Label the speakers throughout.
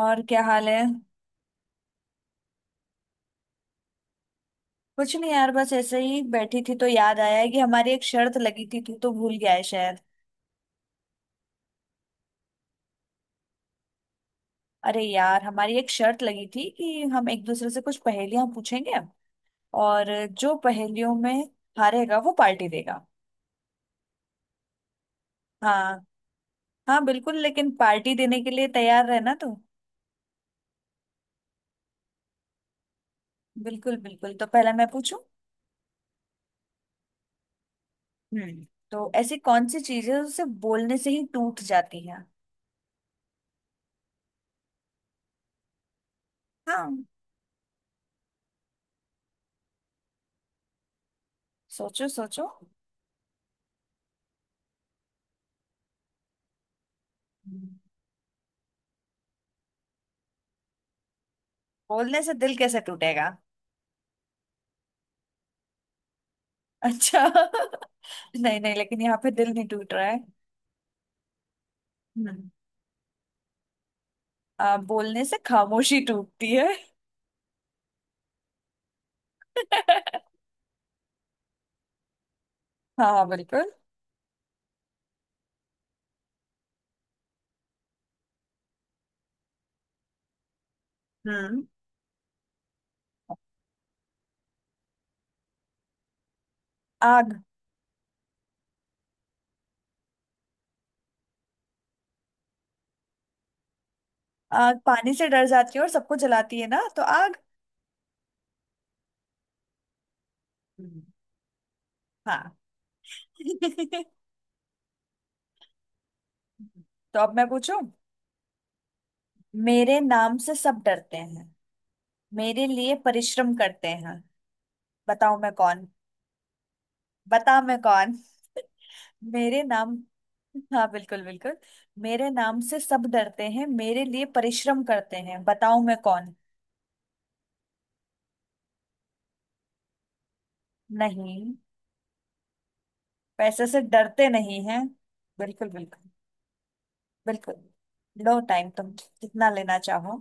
Speaker 1: और क्या हाल है। कुछ नहीं यार, बस ऐसे ही बैठी थी तो याद आया है कि हमारी एक शर्त लगी थी। तू तो भूल गया है शायद। अरे यार, हमारी एक शर्त लगी थी कि हम एक दूसरे से कुछ पहेलियां पूछेंगे और जो पहेलियों में हारेगा वो पार्टी देगा। हाँ, हाँ बिल्कुल, लेकिन पार्टी देने के लिए तैयार रहना तू। बिल्कुल बिल्कुल, तो पहला मैं पूछूं। हम्म, तो ऐसी कौन सी चीजें उसे बोलने से ही टूट जाती है। हाँ, सोचो सोचो। हम्म। बोलने से दिल कैसे टूटेगा? अच्छा नहीं नहीं, लेकिन यहाँ पे दिल नहीं टूट रहा है। हम्म बोलने से खामोशी टूटती है। हाँ हाँ बिल्कुल। हम्म, आग। आग पानी से डर जाती है और सबको जलाती है ना, तो आग। हम्म, हाँ। हम्म। तो अब मैं पूछूं। मेरे नाम से सब डरते हैं, मेरे लिए परिश्रम करते हैं, बताओ मैं कौन। बताओ मैं कौन। मेरे नाम। हाँ बिल्कुल बिल्कुल। मेरे नाम से सब डरते हैं, मेरे लिए परिश्रम करते हैं, बताओ मैं कौन। नहीं, पैसे से डरते नहीं हैं। बिल्कुल बिल्कुल। बिल्कुल। लो टाइम तुम, जितना लेना चाहो।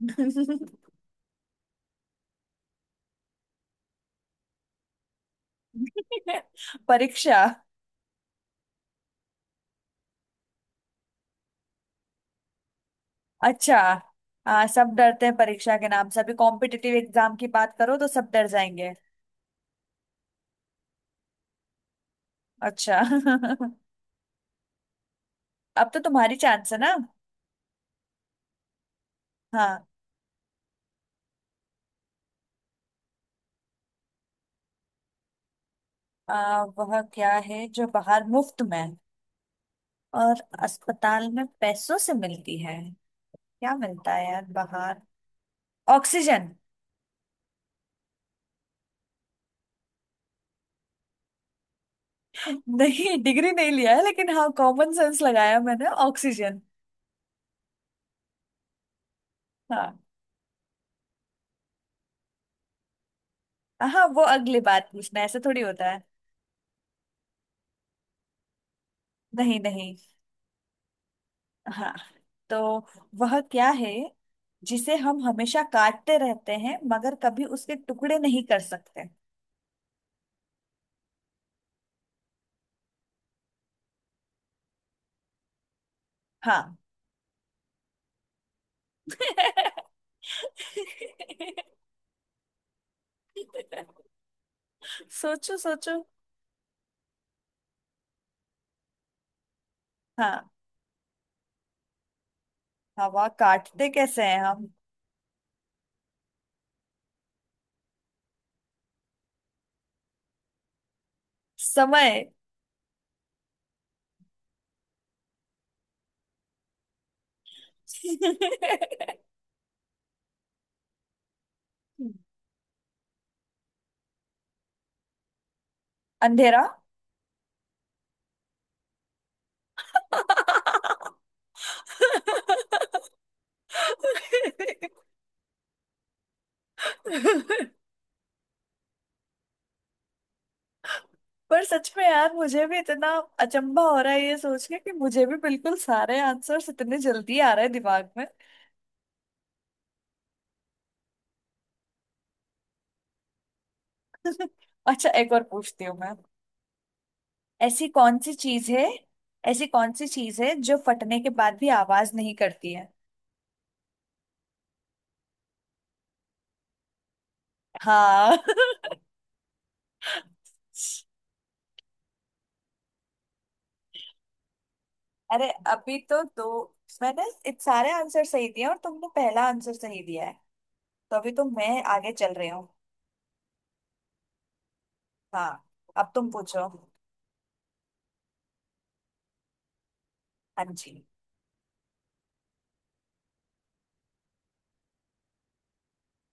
Speaker 1: परीक्षा। अच्छा, हाँ सब डरते हैं परीक्षा के नाम से, अभी कॉम्पिटिटिव एग्जाम की बात करो तो सब डर जाएंगे। अच्छा अब तो तुम्हारी चांस है ना। हाँ, वह क्या है जो बाहर मुफ्त में है? और अस्पताल में पैसों से मिलती है। क्या मिलता है यार बाहर? ऑक्सीजन। नहीं, डिग्री नहीं लिया है, लेकिन हाँ, कॉमन सेंस लगाया मैंने। ऑक्सीजन। हाँ, हाँ वो अगली बात पूछना ऐसे थोड़ी होता है। नहीं नहीं। हाँ, तो वह क्या है जिसे हम हमेशा काटते रहते हैं मगर कभी उसके टुकड़े नहीं कर सकते? हाँ। सोचो सोचो। हाँ, हवा काटते कैसे हैं हम? समय। अंधेरा। पर सच में यार, मुझे भी इतना अचंभा हो रहा है ये सोच के कि मुझे भी बिल्कुल सारे आंसर्स इतने जल्दी आ रहे हैं दिमाग में। अच्छा, एक और पूछती हूँ मैं। ऐसी कौन सी चीज है, ऐसी कौन सी चीज है जो फटने के बाद भी आवाज नहीं करती है? हाँ। अरे अभी तो दो। मैंने इत सारे आंसर सही दिए और तुमने पहला आंसर सही दिया है, तभी तो मैं आगे चल रही हूँ। हाँ, अब तुम पूछो। हाँ जी।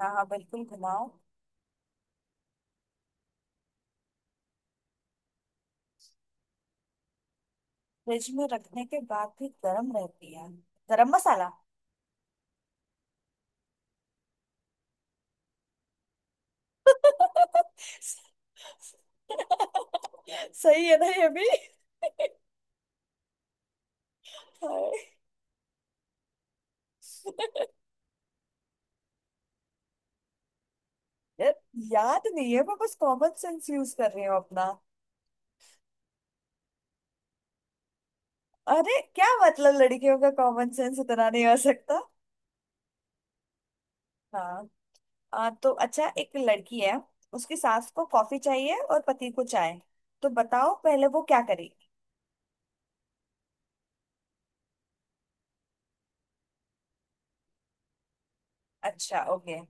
Speaker 1: हाँ हाँ बिल्कुल, घुमाओ। फ्रिज में रखने के बाद भी गर्म रहती है? गरम मसाला। सही है ना ये भी। हाय। यार, याद नहीं है, मैं बस कॉमन सेंस यूज कर रही हूँ अपना। अरे क्या मतलब लड़कियों का कॉमन सेंस इतना नहीं हो सकता? हाँ, तो अच्छा, एक लड़की है, उसकी सास को कॉफी चाहिए और पति को चाय, तो बताओ पहले वो क्या करे। अच्छा ओके,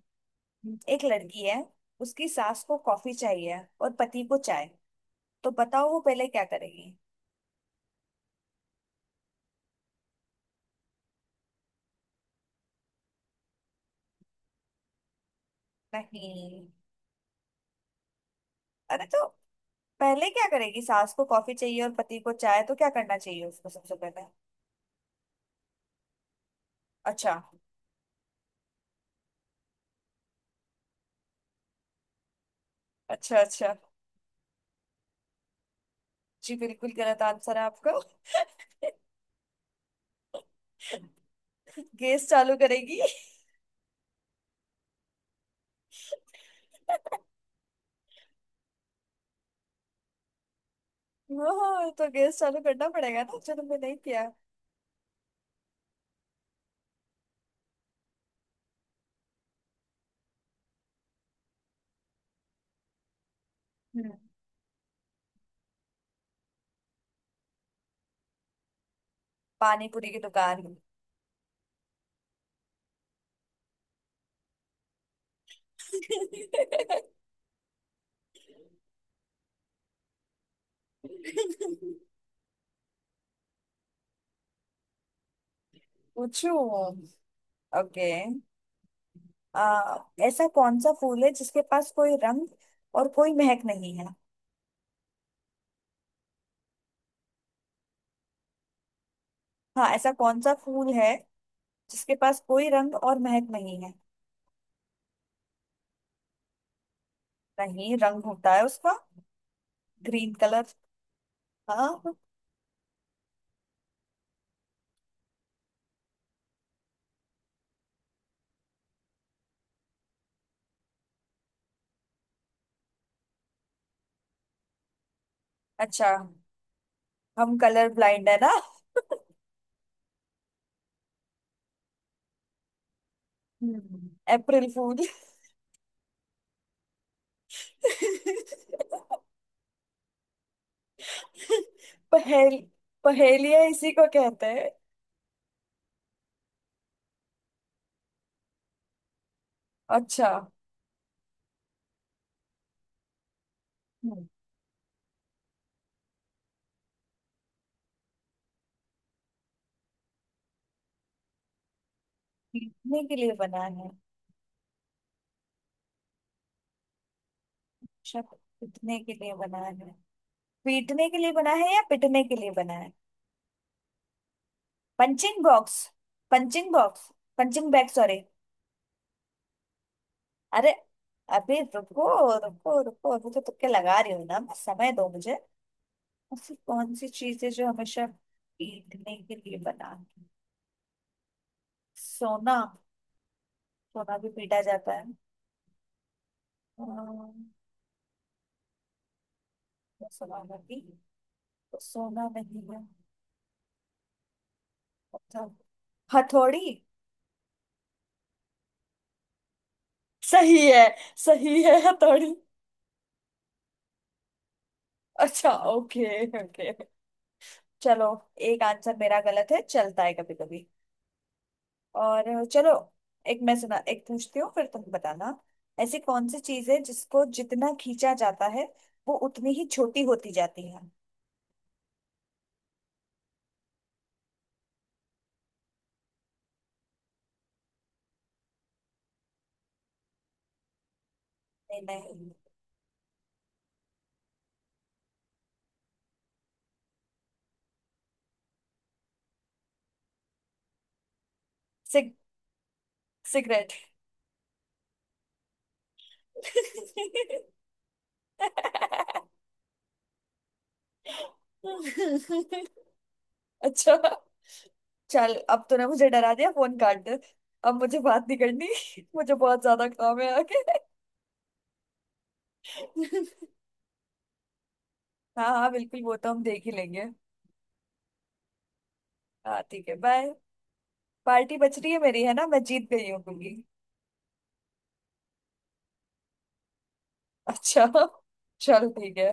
Speaker 1: एक लड़की है, उसकी सास को कॉफी चाहिए और पति को चाय, तो बताओ वो पहले क्या करेगी। नहीं। अरे तो पहले क्या करेगी? सास को कॉफी चाहिए और पति को चाय, तो क्या करना चाहिए उसको सबसे पहले? अच्छा अच्छा। अच्छा जी, बिल्कुल गलत आंसर है आपका। गैस चालू करेगी। ओह, तो गैस चालू करना पड़ेगा ना, चलो मैं नहीं किया। हम्म, पानी पूरी की दुकान। पूछू। ओके, आ, ऐसा कौन सा फूल है जिसके पास कोई रंग और कोई महक नहीं है? हाँ, ऐसा कौन सा फूल है जिसके पास कोई रंग और महक नहीं है? नहीं, रंग होता है उसका, ग्रीन कलर। हाँ, अच्छा, हम कलर ब्लाइंड है ना। हम्म। अप्रैल फूल। पहेल, पहेलिया इसी को कहते हैं। अच्छा। हम्म, पीटने के लिए बना है? अच्छा, पीटने के लिए बना है, पीटने के लिए बना है या पिटने के लिए बना है? Punching box. Punching box, punching bag, sorry. अरे अभी रुको, रुको रुको, अभी तो तुक्के लगा रही हूँ ना मैं, समय दो मुझे। ऐसी कौन सी चीज है जो हमेशा पीटने के लिए बना है? सोना, सोना भी पीटा जाता है। अम्म, तो सोना नहीं, तो सोना नहीं है। मतलब, हथौड़ी। सही है, सही है हथौड़ी। अच्छा, ओके ओके, चलो। एक आंसर मेरा गलत है, चलता है कभी कभी। और चलो, एक मैं सुना, एक पूछती हूँ, फिर तुम बताना। ऐसी कौन सी चीज है जिसको जितना खींचा जाता है वो उतनी ही छोटी होती जाती है? नहीं नहीं। सिग, सिगरेट। अच्छा, चल अब तूने मुझे डरा दिया, फोन काट दे। अब मुझे बात नहीं करनी, मुझे बहुत ज्यादा काम है आगे। हाँ हाँ बिल्कुल, वो तो हम देख ही लेंगे। हाँ ठीक है, बाय। पार्टी बच रही है मेरी, है ना, मैं जीत गई हूँ क्योंकि। अच्छा चल ठीक है।